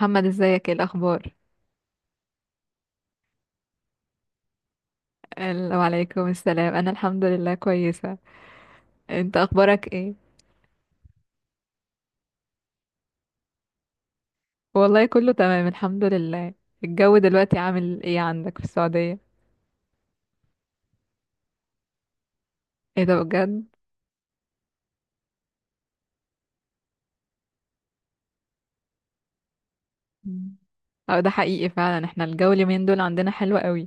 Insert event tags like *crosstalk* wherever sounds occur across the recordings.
محمد، ازيك؟ ايه الاخبار؟ السلام عليكم. انا الحمد لله كويسه. انت، اخبارك ايه؟ والله كله تمام الحمد لله. الجو دلوقتي عامل ايه عندك في السعوديه؟ ايه ده؟ بجد؟ مم. اه، ده حقيقي فعلا. احنا الجو اليومين دول عندنا حلو قوي،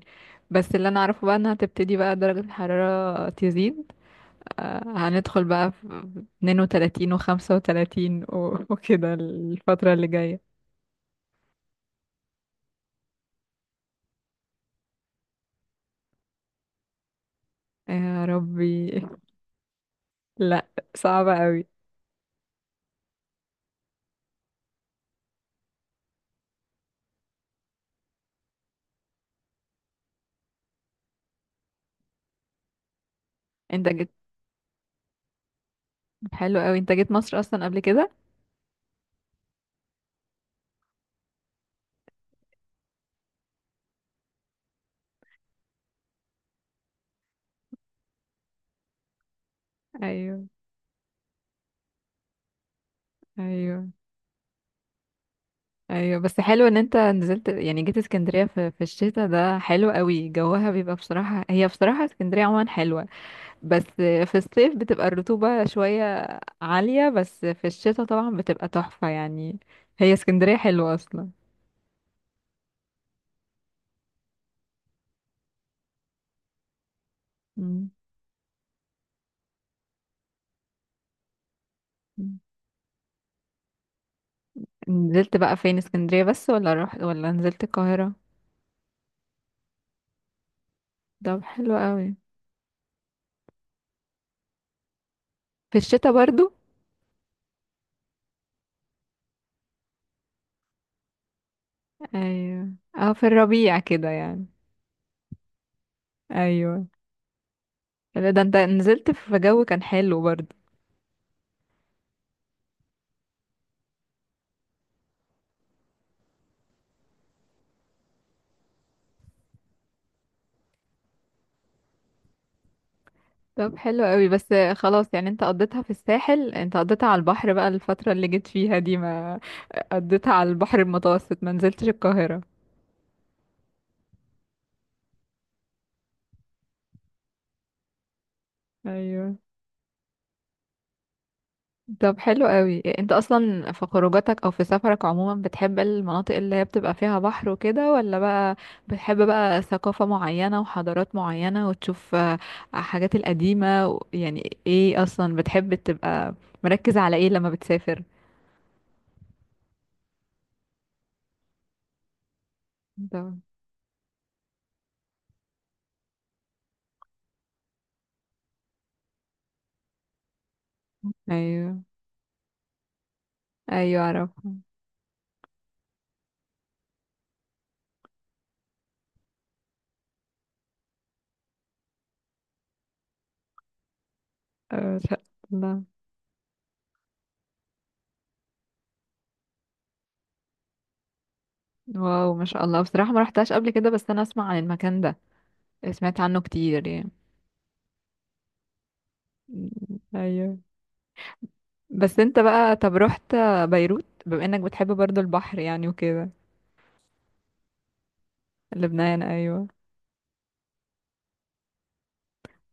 بس اللي انا اعرفه بقى انها هتبتدي بقى درجه الحراره تزيد. هندخل بقى في 32 و35 وكده الفتره اللي جايه. يا ربي! لا، صعبه قوي. انت حلو قوي، انت جيت مصر اصلا قبل كده؟ ايوه، ايوه، ايوه. بس حلو ان انت نزلت، يعني جيت اسكندريه في الشتاء، ده حلو قوي. جوها بيبقى بصراحه، هي بصراحه اسكندريه عموما حلوه، بس في الصيف بتبقى الرطوبه شويه عاليه، بس في الشتاء طبعا بتبقى تحفه يعني. هي اسكندريه حلوه اصلا. مم. مم. نزلت بقى فين؟ اسكندريه بس، ولا رحت ولا نزلت القاهره؟ طب حلو قوي. في الشتاء برضو؟ ايوه، اه في الربيع كده يعني. ايوه، لا ده انت نزلت في جو كان حلو برضه. طب حلو قوي. بس خلاص يعني انت قضيتها في الساحل، انت قضيتها على البحر بقى الفترة اللي جيت فيها دي، ما قضيتها على البحر المتوسط، ما نزلتش القاهرة. ايوه. طب حلو قوي. انت اصلا في خروجاتك او في سفرك عموما بتحب المناطق اللي هي بتبقى فيها بحر وكده، ولا بقى بتحب بقى ثقافة معينة وحضارات معينة وتشوف حاجات القديمة يعني ايه اصلا بتحب تبقى مركز على ايه لما بتسافر؟ طب. ايوه، ايوه، اعرفها. آه، شاء الله واو، ما شاء الله. بصراحة ما رحتهاش قبل كده، بس انا اسمع عن المكان ده، سمعت عنه كتير يعني. م- ايوه. بس انت بقى، طب رحت بيروت؟ بما انك بتحب برضو البحر يعني وكده. لبنان، ايوه.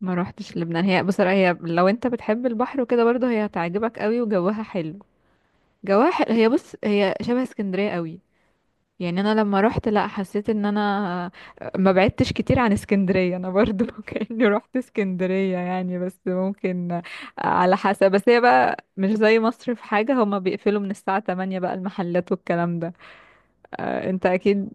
ما روحتش لبنان. هي بصراحة، هي لو انت بتحب البحر وكده برضو، هي هتعجبك قوي وجوها حلو. جوها حلو. هي بص، هي شبه اسكندرية قوي يعني. انا لما رحت لا، حسيت ان انا ما بعدتش كتير عن اسكندرية انا برضو *laughs* كأني رحت اسكندرية يعني، بس ممكن على حسب. بس هي بقى مش زي مصر في حاجة، هما بيقفلوا من الساعة 8 بقى المحلات والكلام ده. انت اكيد.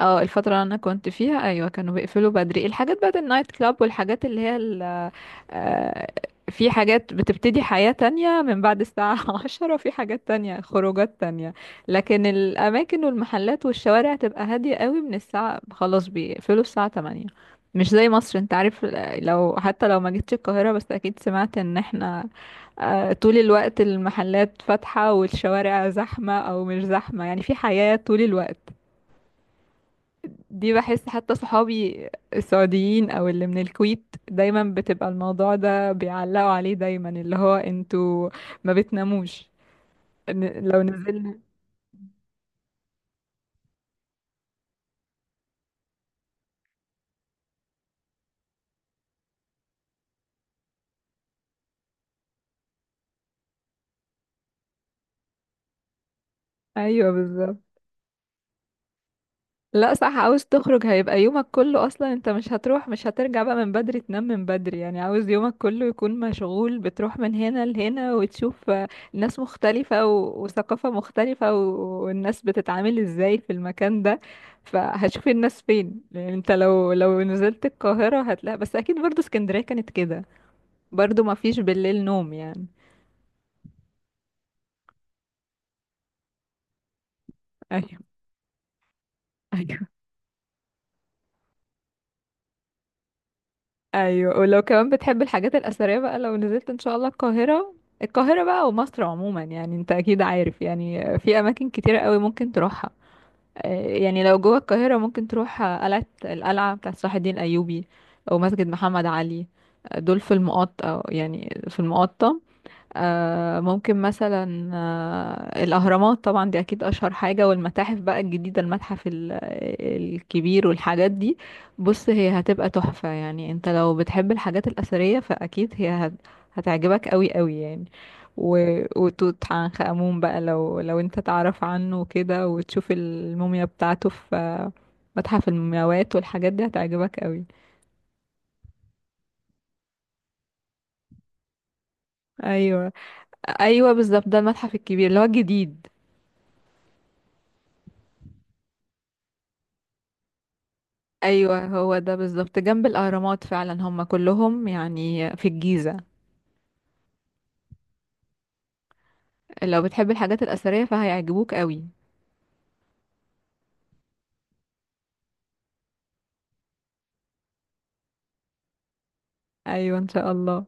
اه، الفترة اللي انا كنت فيها ايوه كانوا بيقفلوا بدري. الحاجات بقى النايت كلاب والحاجات اللي هي آه، في حاجات بتبتدي حياة تانية من بعد الساعة *laughs* 10، في حاجات تانية، خروجات تانية، لكن الأماكن والمحلات والشوارع تبقى هادية قوي من الساعة، خلاص بيقفلوا الساعة 8، مش زي مصر. انت عارف، لو حتى لو ما جيتش القاهرة، بس أكيد سمعت ان احنا طول الوقت المحلات فاتحة والشوارع زحمة أو مش زحمة، يعني في حياة طول الوقت. دي بحس حتى صحابي السعوديين او اللي من الكويت دايما بتبقى الموضوع ده بيعلقوا عليه، دايما اللي هو انتوا ما بتناموش. لو نزلنا. ايوه بالظبط. لا صح، عاوز تخرج هيبقى يومك كله اصلا، انت مش هتروح، مش هترجع بقى من بدري تنام من بدري. يعني عاوز يومك كله يكون مشغول، بتروح من هنا لهنا وتشوف ناس مختلفة وثقافة مختلفة والناس بتتعامل ازاي في المكان ده. فهتشوف الناس فين يعني؟ انت لو نزلت القاهرة هتلاقي، بس اكيد برضو اسكندرية كانت كده، برضو ما فيش بالليل نوم يعني. ايوه، ايوه، ايوه. ولو كمان بتحب الحاجات الاثريه بقى، لو نزلت ان شاء الله القاهره، القاهره بقى ومصر عموما يعني انت اكيد عارف يعني في اماكن كتيره قوي ممكن تروحها. يعني لو جوه القاهره ممكن تروح القلعه بتاعه صلاح الدين الايوبي، او مسجد محمد علي. دول في المقاطة، يعني في المقاطة. آه ممكن مثلا آه الأهرامات طبعا دي أكيد أشهر حاجة، والمتاحف بقى الجديدة، الكبير والحاجات دي. بص هي هتبقى تحفة يعني، انت لو بتحب الحاجات الأثرية فأكيد هي هتعجبك قوي قوي يعني. وتوت عنخ آمون بقى، لو انت تعرف عنه كده وتشوف الموميا بتاعته في متحف المومياوات والحاجات دي هتعجبك قوي. ايوه، ايوه بالظبط، ده المتحف الكبير اللي هو الجديد. ايوه هو ده بالظبط، جنب الاهرامات فعلا، هم كلهم يعني في الجيزه. لو بتحب الحاجات الاثريه فهيعجبوك قوي. ايوه ان شاء الله.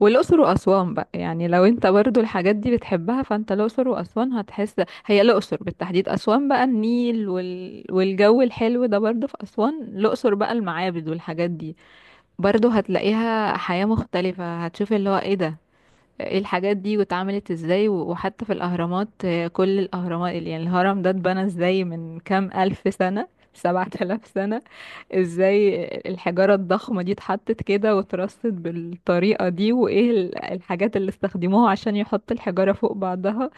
والاقصر واسوان بقى، يعني لو انت برضو الحاجات دي بتحبها فانت الاقصر واسوان هتحس. هي الاقصر بالتحديد، اسوان بقى النيل والجو الحلو ده برضو في اسوان، الاقصر بقى المعابد والحاجات دي. برضو هتلاقيها حياه مختلفه، هتشوف اللي هو ايه ده الحاجات دي واتعملت ازاي وحتى في الاهرامات. كل الاهرامات يعني الهرم ده اتبنى ازاي من كام الف سنة؟ *laughs* 7 آلاف سنة! ازاي الحجارة الضخمة دي اتحطت كده واترصت بالطريقة دي، وايه الحاجات اللي استخدموها عشان يحطوا الحجارة فوق بعضها.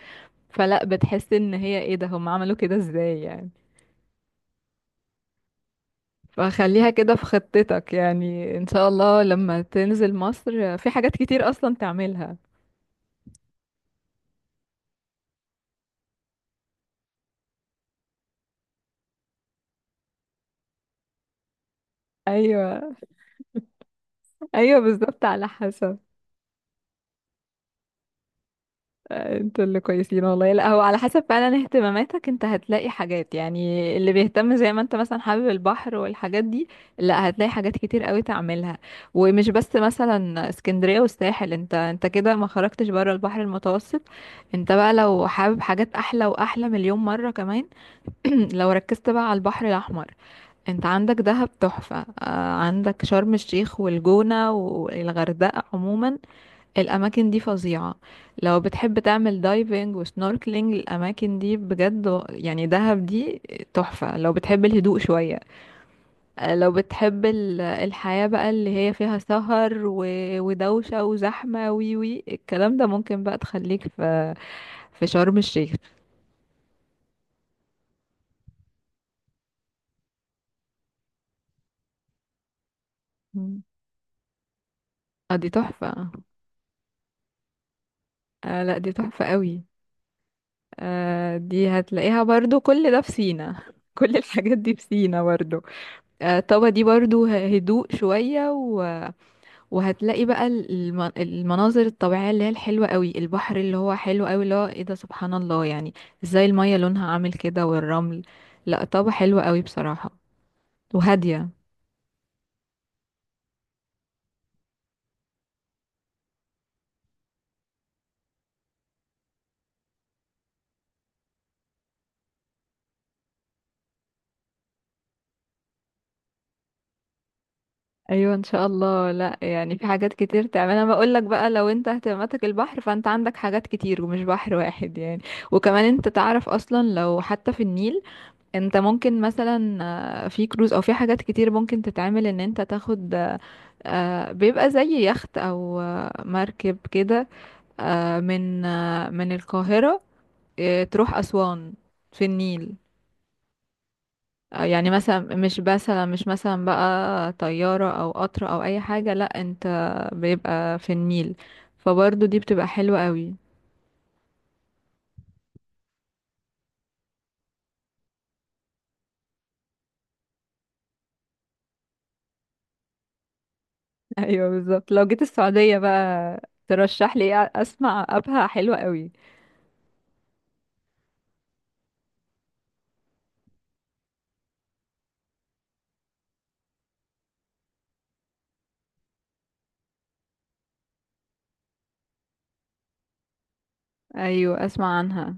فلا، بتحس ان هي ايه ده، هم عملوا كده ازاي يعني. فخليها كده في خطتك يعني، ان شاء الله لما تنزل مصر في حاجات كتير اصلا تعملها. ايوه، ايوه بالظبط، على حسب. انتوا اللي كويسين والله. لا هو على حسب فعلا اهتماماتك، انت هتلاقي حاجات يعني. اللي بيهتم زي ما انت مثلا حابب البحر والحاجات دي، لا هتلاقي حاجات كتير قوي تعملها، ومش بس مثلا اسكندرية والساحل. انت كده ما خرجتش بره البحر المتوسط. انت بقى لو حابب حاجات احلى، واحلى مليون مرة كمان، *clears throat* لو ركزت بقى على البحر الاحمر، انت عندك دهب تحفة، عندك شرم الشيخ والجونة والغردقة عموما، الأماكن دي فظيعة. لو بتحب تعمل دايفنج وسنوركلينج الأماكن دي بجد، يعني دهب دي تحفة لو بتحب الهدوء شوية. لو بتحب الحياة بقى اللي هي فيها سهر ودوشة وزحمة وي وي الكلام ده، ممكن بقى تخليك في في شرم الشيخ. مم. اه دي تحفة. آه لا دي تحفة قوي. آه دي هتلاقيها برضو كل ده في سينا، *laughs* كل الحاجات دي في سينا برضو. آه طبعا دي برضو هدوء شوية، وهتلاقي بقى المناظر الطبيعية اللي هي الحلوة قوي، البحر اللي هو حلو قوي، اللي هو ايه ده، سبحان الله يعني. ازاي المية لونها عامل كده والرمل. لا طابع حلو قوي بصراحة، وهادية. ايوه ان شاء الله. لا يعني في حاجات كتير تعمل، انا بقول لك بقى لو انت اهتماماتك البحر فانت عندك حاجات كتير، ومش بحر واحد يعني. وكمان انت تعرف اصلا، لو حتى في النيل، انت ممكن مثلا في كروز او في حاجات كتير ممكن تتعمل، ان انت تاخد بيبقى زي يخت او مركب كده من من القاهرة تروح أسوان، في النيل. يعني مثلا مش مثلا بقى طيارة او قطر او اي حاجة، لا انت بيبقى في النيل. فبرضه دي بتبقى حلوة قوي. *laughs* ايوه بالظبط. لو جيت السعودية بقى ترشح لي ايه؟ اسمع ابها حلوة قوي. ايوه اسمع عنها.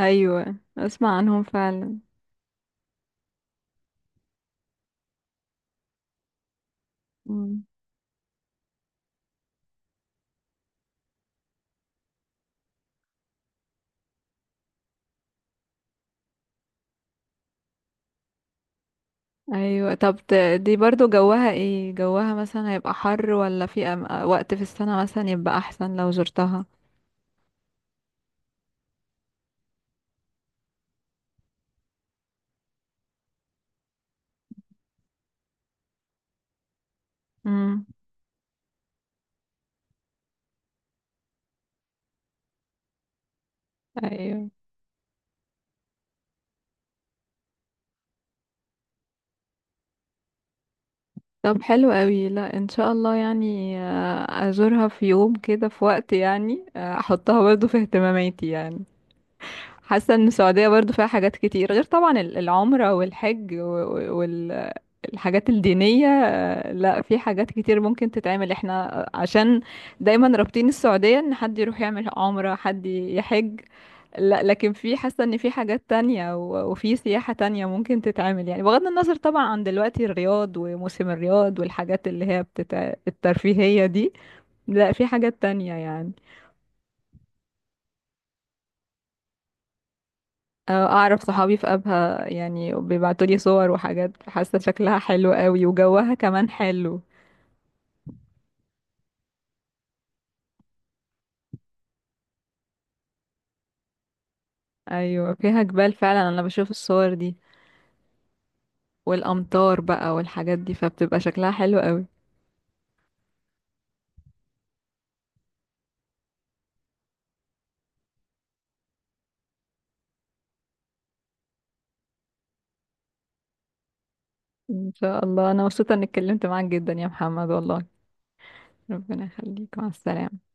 ايوه اسمع عنهم فعلا. مم. ايوه طب، دي برضو جوها ايه؟ جوها مثلا هيبقى حر، ولا في وقت في السنة مثلا يبقى احسن لو زرتها؟ امم. ايوه طب حلو قوي. لا ان شاء الله يعني ازورها في يوم كده، في وقت يعني احطها برضو في اهتماماتي يعني. حاسه ان السعوديه برضو فيها حاجات كتير، غير طبعا العمره والحج، الحاجات الدينية. لا في حاجات كتير ممكن تتعمل. احنا عشان دايما رابطين السعودية ان حد يروح يعمل عمرة، حد يحج. لا لكن في، حاسة ان في حاجات تانية وفي سياحة تانية ممكن تتعمل، يعني بغض النظر طبعا عن دلوقتي الرياض وموسم الرياض والحاجات اللي هي الترفيهية دي، لا في حاجات تانية يعني. اعرف صحابي في ابها يعني بيبعتولي صور وحاجات، حاسة شكلها حلو قوي وجوها كمان حلو. ايوه فيها جبال فعلا، انا بشوف الصور دي. والامطار بقى والحاجات دي فبتبقى شكلها حلو قوي. ان شاء الله. انا مبسوطه اني اتكلمت معاك جدا يا محمد والله. ربنا يخليك، مع السلامه.